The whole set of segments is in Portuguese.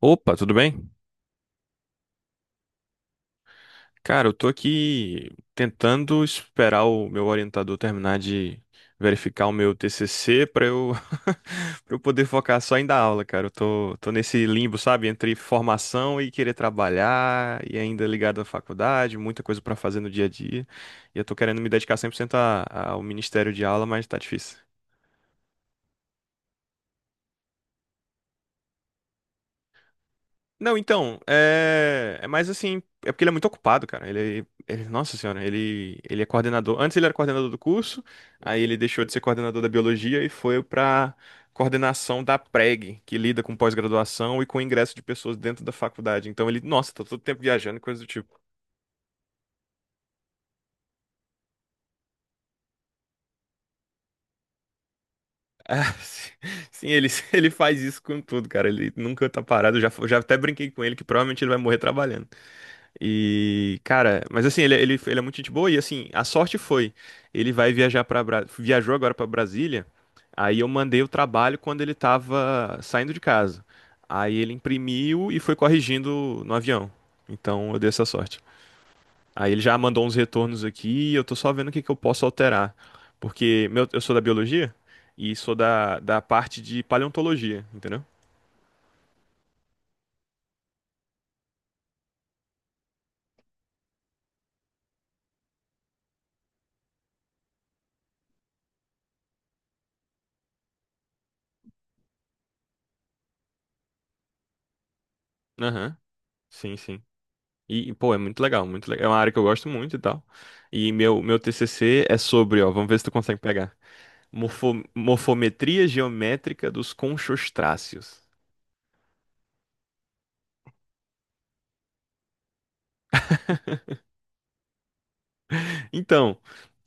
Opa, tudo bem? Cara, eu tô aqui tentando esperar o meu orientador terminar de verificar o meu TCC pra eu para eu poder focar só em dar aula, cara. Eu tô nesse limbo, sabe, entre formação e querer trabalhar e ainda ligado à faculdade, muita coisa pra fazer no dia a dia. E eu tô querendo me dedicar 100% a- ao ministério de aula, mas tá difícil. Não, então, é mais assim, é porque ele é muito ocupado, cara. Nossa senhora, ele é coordenador. Antes ele era coordenador do curso, aí ele deixou de ser coordenador da biologia e foi pra coordenação da PREG, que lida com pós-graduação e com ingresso de pessoas dentro da faculdade. Então ele, nossa, tá todo tempo viajando e coisa do tipo. Ah, sim, ele faz isso com tudo, cara. Ele nunca tá parado. Eu já até brinquei com ele que provavelmente ele vai morrer trabalhando. E, cara, mas assim, ele é muito gente boa e assim, a sorte foi, ele vai viajar para viajou agora para Brasília. Aí eu mandei o trabalho quando ele tava saindo de casa. Aí ele imprimiu e foi corrigindo no avião. Então eu dei essa sorte. Aí ele já mandou uns retornos aqui, e eu tô só vendo o que que eu posso alterar. Porque meu, eu sou da biologia e sou da parte de paleontologia, entendeu? Aham. Sim, sim. E, pô, é muito legal, muito legal. É uma área que eu gosto muito e tal. E meu TCC é sobre, ó, vamos ver se tu consegue pegar. Morfometria geométrica dos conchostráceos. Então,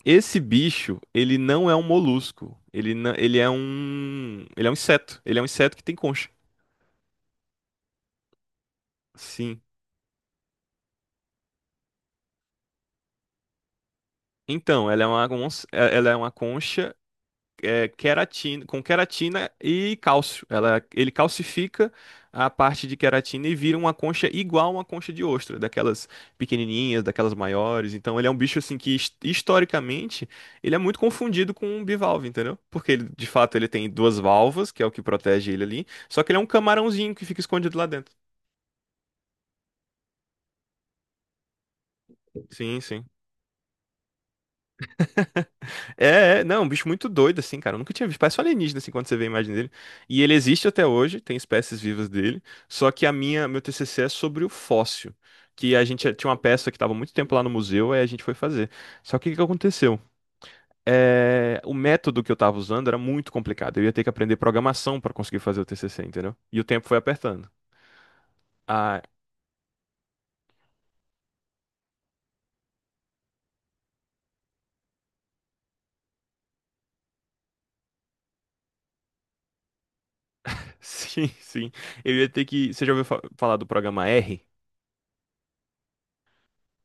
esse bicho, ele não é um molusco. Ele, não, ele é um inseto. Ele é um inseto que tem concha. Sim. Então, ela é uma concha queratina, com queratina e cálcio. Ele calcifica a parte de queratina e vira uma concha igual a uma concha de ostra, daquelas pequenininhas, daquelas maiores. Então ele é um bicho assim que historicamente ele é muito confundido com um bivalve, entendeu? Porque ele, de fato ele tem duas valvas, que é o que protege ele ali, só que ele é um camarãozinho que fica escondido lá dentro. Sim, sim. Não, um bicho muito doido, assim, cara. Eu nunca tinha visto. Parece um alienígena, assim, quando você vê a imagem dele. E ele existe até hoje, tem espécies vivas dele. Só que meu TCC é sobre o fóssil. Que a gente tinha uma peça que estava muito tempo lá no museu, aí a gente foi fazer. Só que o que que aconteceu? É, o método que eu estava usando era muito complicado. Eu ia ter que aprender programação para conseguir fazer o TCC, entendeu? E o tempo foi apertando. Ah, sim, sim. Eu ia ter que. Você já ouviu falar do programa R?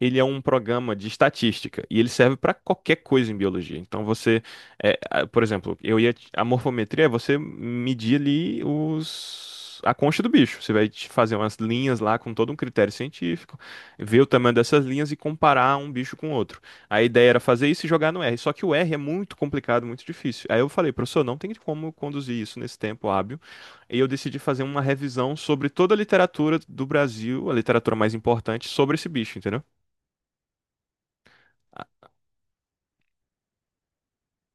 Ele é um programa de estatística e ele serve para qualquer coisa em biologia. Então você, por exemplo, eu ia a morfometria é você medir ali os a concha do bicho. Você vai te fazer umas linhas lá com todo um critério científico, ver o tamanho dessas linhas e comparar um bicho com outro. A ideia era fazer isso e jogar no R, só que o R é muito complicado, muito difícil. Aí eu falei, professor, não tem como conduzir isso nesse tempo hábil. E eu decidi fazer uma revisão sobre toda a literatura do Brasil, a literatura mais importante sobre esse bicho, entendeu?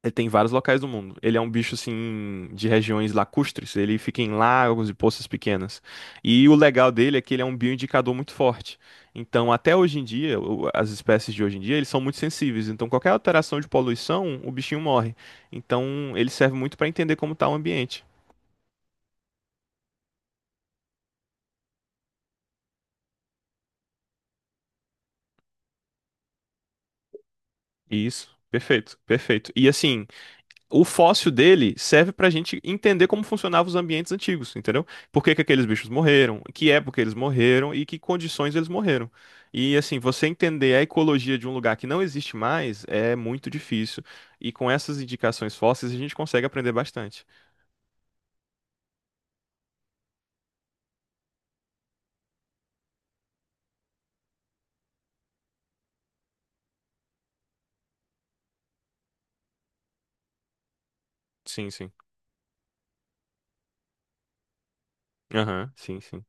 Ele tem vários locais do mundo. Ele é um bicho, assim, de regiões lacustres. Ele fica em lagos e poças pequenas. E o legal dele é que ele é um bioindicador muito forte. Então, até hoje em dia, as espécies de hoje em dia, eles são muito sensíveis. Então, qualquer alteração de poluição, o bichinho morre. Então, ele serve muito para entender como está o ambiente. Isso, perfeito, perfeito. E assim, o fóssil dele serve pra gente entender como funcionavam os ambientes antigos, entendeu? Por que que aqueles bichos morreram, que época eles morreram e que condições eles morreram. E assim, você entender a ecologia de um lugar que não existe mais é muito difícil. E com essas indicações fósseis a gente consegue aprender bastante. Sim, sim. Aham, sim, sim.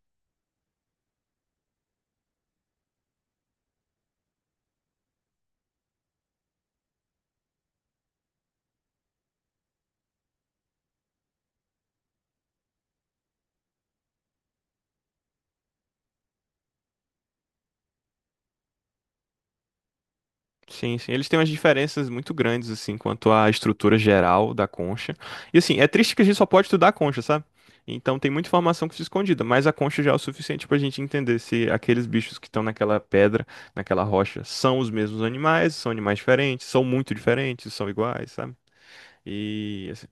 Sim, sim. Eles têm umas diferenças muito grandes, assim, quanto à estrutura geral da concha. E, assim, é triste que a gente só pode estudar a concha, sabe? Então tem muita informação que fica escondida, mas a concha já é o suficiente pra gente entender se aqueles bichos que estão naquela pedra, naquela rocha, são os mesmos animais, são animais diferentes, são muito diferentes, são iguais, sabe? E assim,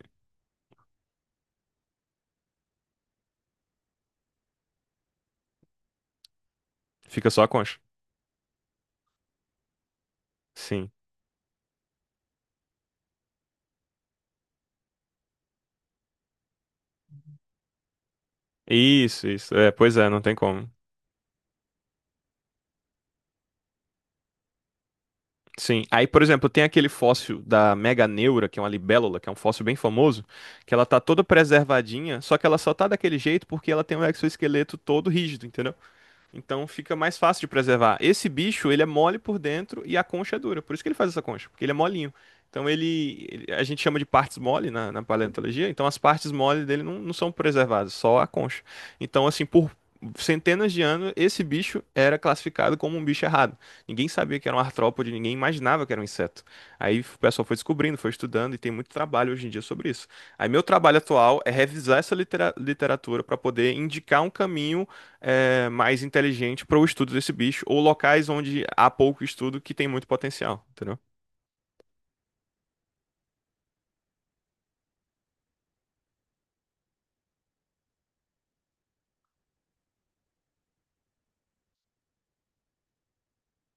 fica só a concha. Sim. Isso, isso. É, pois é, não tem como. Sim. Aí, por exemplo, tem aquele fóssil da Meganeura, que é uma libélula, que é um fóssil bem famoso, que ela tá toda preservadinha, só que ela só tá daquele jeito porque ela tem um exoesqueleto todo rígido, entendeu? Então fica mais fácil de preservar. Esse bicho, ele é mole por dentro e a concha é dura. Por isso que ele faz essa concha, porque ele é molinho. Então a gente chama de partes mole na paleontologia, então as partes mole dele não são preservadas, só a concha. Então assim, por centenas de anos, esse bicho era classificado como um bicho errado. Ninguém sabia que era um artrópode, ninguém imaginava que era um inseto. Aí o pessoal foi descobrindo, foi estudando e tem muito trabalho hoje em dia sobre isso. Aí meu trabalho atual é revisar essa literatura para poder indicar um caminho mais inteligente para o estudo desse bicho, ou locais onde há pouco estudo que tem muito potencial, entendeu?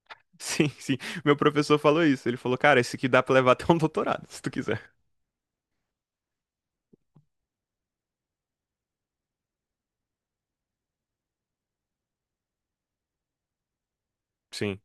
Sim, sim. Meu professor falou isso. Ele falou, cara, esse aqui dá pra levar até um doutorado, se tu quiser. Sim.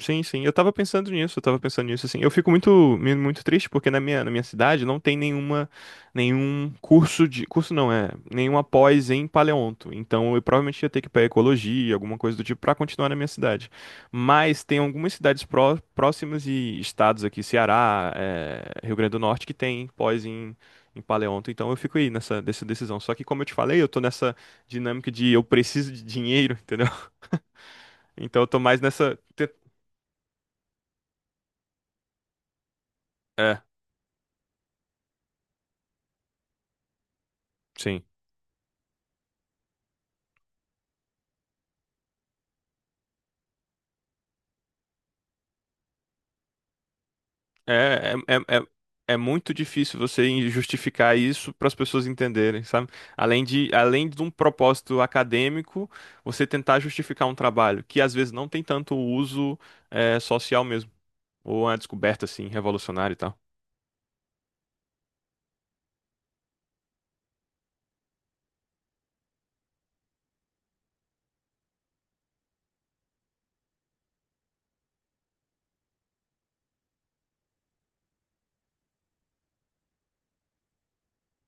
Sim, sim. Eu tava pensando nisso, assim. Eu fico muito, muito triste porque na minha cidade não tem nenhuma, nenhum curso de, curso não, nenhuma pós em paleonto. Então eu provavelmente ia ter que ir pra ecologia, alguma coisa do tipo, pra continuar na minha cidade. Mas tem algumas cidades próximas e estados aqui, Ceará, Rio Grande do Norte, que tem pós em, em paleonto. Então eu fico aí nessa decisão. Só que como eu te falei, eu tô nessa dinâmica de eu preciso de dinheiro, entendeu? Então eu tô mais nessa. É, sim. É muito difícil você justificar isso para as pessoas entenderem, sabe? Além de um propósito acadêmico, você tentar justificar um trabalho que às vezes não tem tanto uso social mesmo, ou uma descoberta assim revolucionária e tal.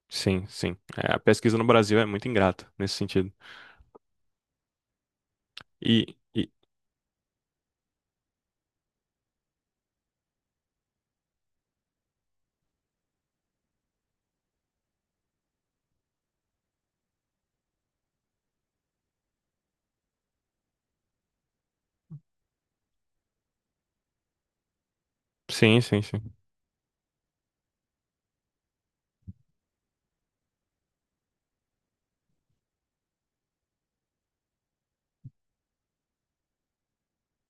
Sim, sim. É, a pesquisa no Brasil é muito ingrata nesse sentido. E, e sim, sim, sim.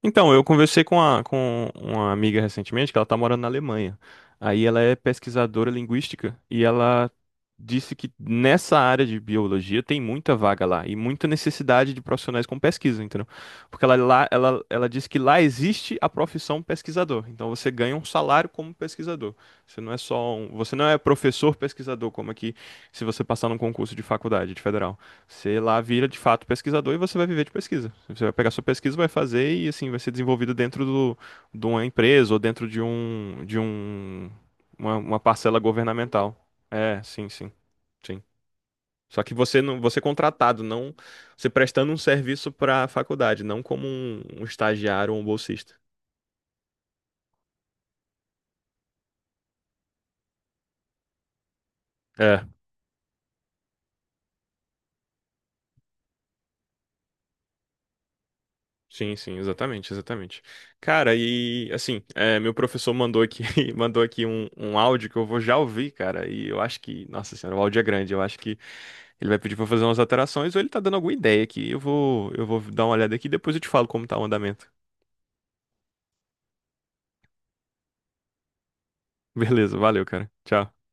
Então, eu conversei com uma amiga recentemente que ela tá morando na Alemanha. Aí ela é pesquisadora linguística e ela disse que nessa área de biologia tem muita vaga lá e muita necessidade de profissionais com pesquisa, entendeu? Porque ela disse que lá existe a profissão pesquisador. Então você ganha um salário como pesquisador. Você não é professor pesquisador, como aqui se você passar num concurso de faculdade, de federal. Você lá vira de fato pesquisador e você vai viver de pesquisa. Você vai pegar sua pesquisa, vai fazer e assim vai ser desenvolvido dentro do, de uma empresa ou dentro de um uma parcela governamental. Sim, sim, sim. Só que você é contratado, não você prestando um serviço para a faculdade, não como um estagiário ou um bolsista. Sim, sim, exatamente, exatamente. Cara, e assim, é, meu professor mandou aqui, mandou aqui um áudio que eu vou já ouvir, cara. E eu acho que, nossa senhora, o áudio é grande. Eu acho que ele vai pedir pra eu fazer umas alterações ou ele tá dando alguma ideia aqui. Eu vou dar uma olhada aqui e depois eu te falo como tá o andamento. Beleza, valeu, cara. Tchau.